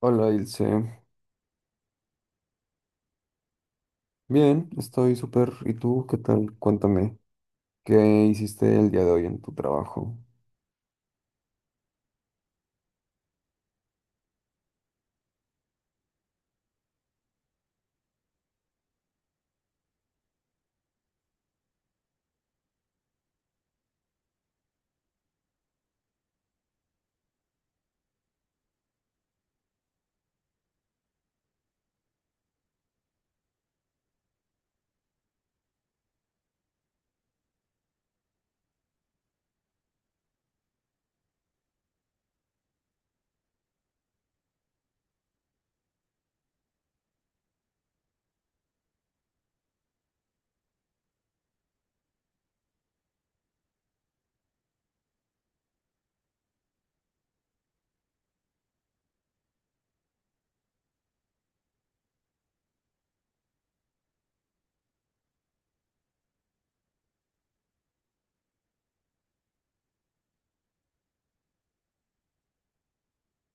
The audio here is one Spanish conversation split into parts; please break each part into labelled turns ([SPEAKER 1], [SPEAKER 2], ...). [SPEAKER 1] Hola, Ilse. Bien, estoy súper. ¿Y tú qué tal? Cuéntame, ¿qué hiciste el día de hoy en tu trabajo?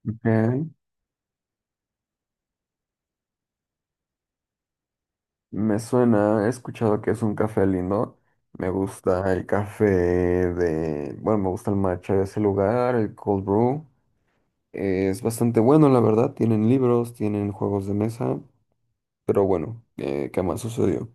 [SPEAKER 1] Ok. Me suena, he escuchado que es un café lindo. Me gusta el café de, bueno, me gusta el matcha de ese lugar, el cold brew. Es bastante bueno, la verdad. Tienen libros, tienen juegos de mesa, pero bueno, ¿qué más sucedió?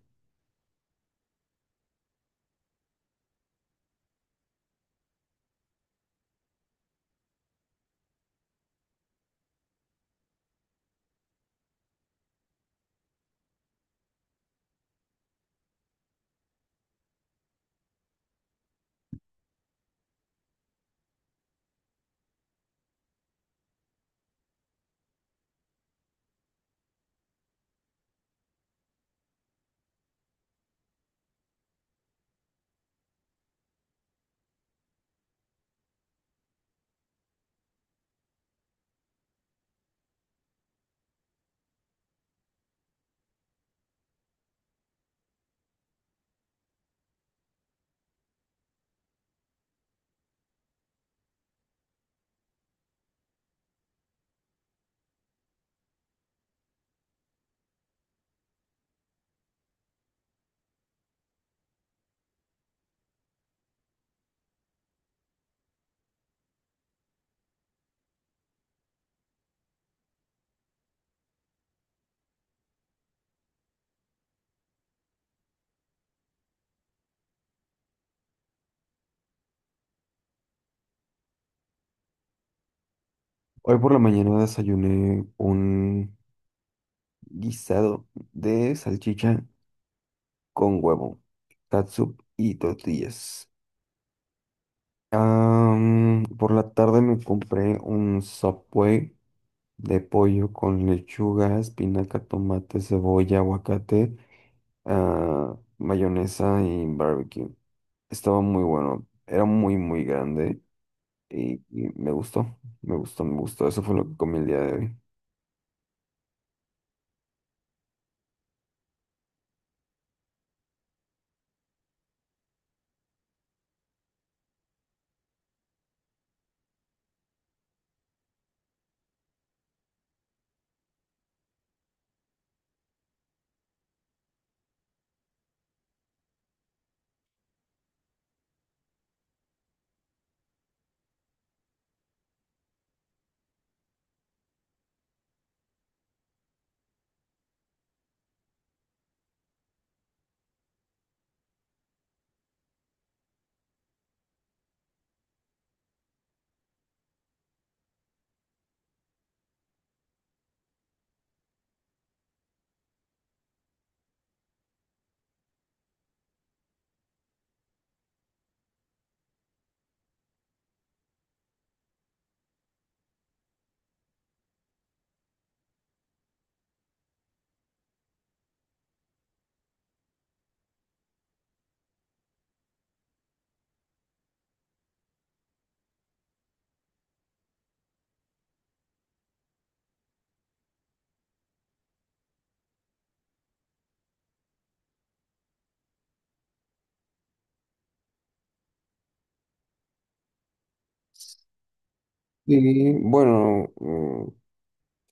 [SPEAKER 1] Hoy por la mañana desayuné un guisado de salchicha, con huevo, catsup y tortillas. Por la tarde me compré un Subway de pollo con lechuga, espinaca, tomate, cebolla, aguacate, ah, mayonesa y barbecue. Estaba muy bueno, era muy, muy grande y, me gustó, me gustó, me gustó. Eso fue lo que comí el día de hoy. Y bueno,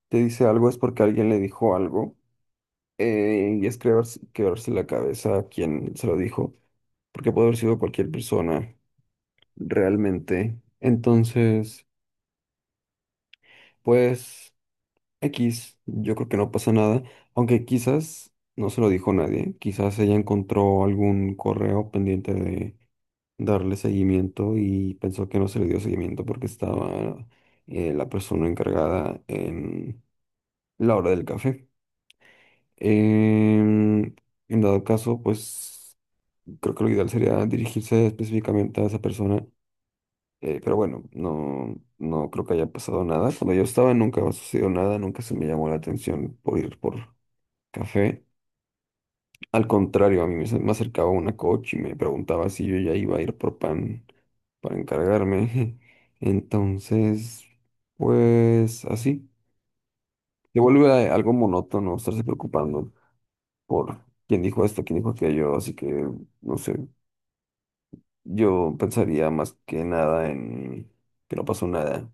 [SPEAKER 1] te dice algo es porque alguien le dijo algo, y es creerse, quebrarse la cabeza a quien se lo dijo. Porque puede haber sido cualquier persona realmente. Entonces, pues X, yo creo que no pasa nada, aunque quizás no se lo dijo nadie, quizás ella encontró algún correo pendiente de darle seguimiento y pensó que no se le dio seguimiento porque estaba, la persona encargada en la hora del café. Em, en dado caso, pues creo que lo ideal sería dirigirse específicamente a esa persona. Pero bueno, no creo que haya pasado nada. Cuando yo estaba nunca me sucedió nada, nunca se me llamó la atención por ir por café. Al contrario, a mí me, me acercaba una coach y me preguntaba si yo ya iba a ir por pan para encargarme. Entonces, pues así. Se vuelve algo monótono estarse preocupando por quién dijo esto, quién dijo aquello. Así que, no sé, yo pensaría más que nada en que no pasó nada.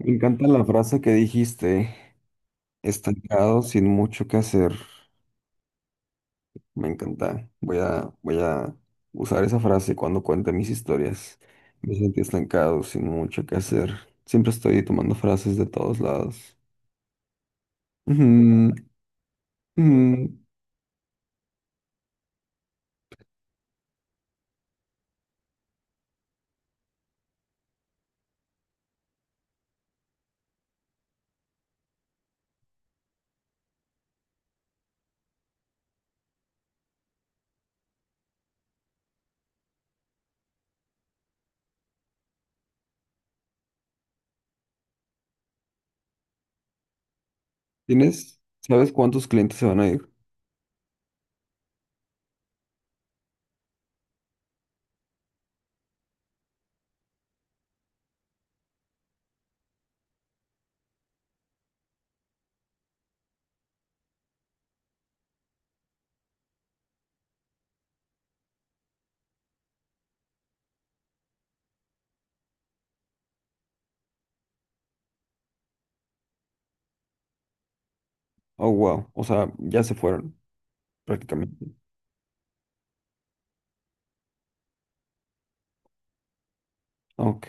[SPEAKER 1] Me encanta la frase que dijiste, estancado sin mucho que hacer. Me encanta. Voy a usar esa frase cuando cuente mis historias. Me sentí estancado sin mucho que hacer. Siempre estoy tomando frases de todos lados. Ujú, ujú. ¿Tienes? ¿Sabes cuántos clientes se van a ir? Oh, wow. O sea, ya se fueron prácticamente. Ok,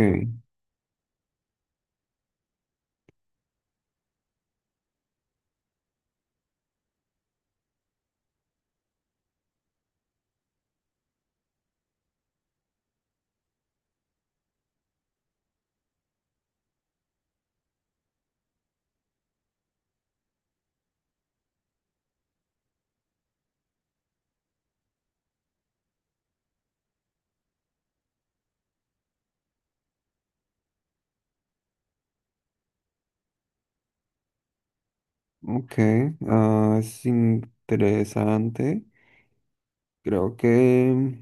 [SPEAKER 1] ok. Ah, es interesante. Creo que...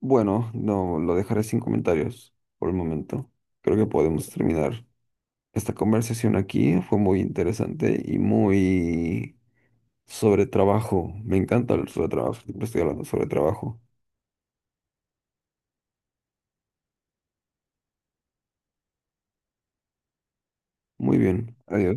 [SPEAKER 1] bueno, no, lo dejaré sin comentarios por el momento. Creo que podemos terminar esta conversación aquí. Fue muy interesante y muy sobre trabajo. Me encanta hablar sobre trabajo. Siempre estoy hablando sobre trabajo. Muy bien, adiós.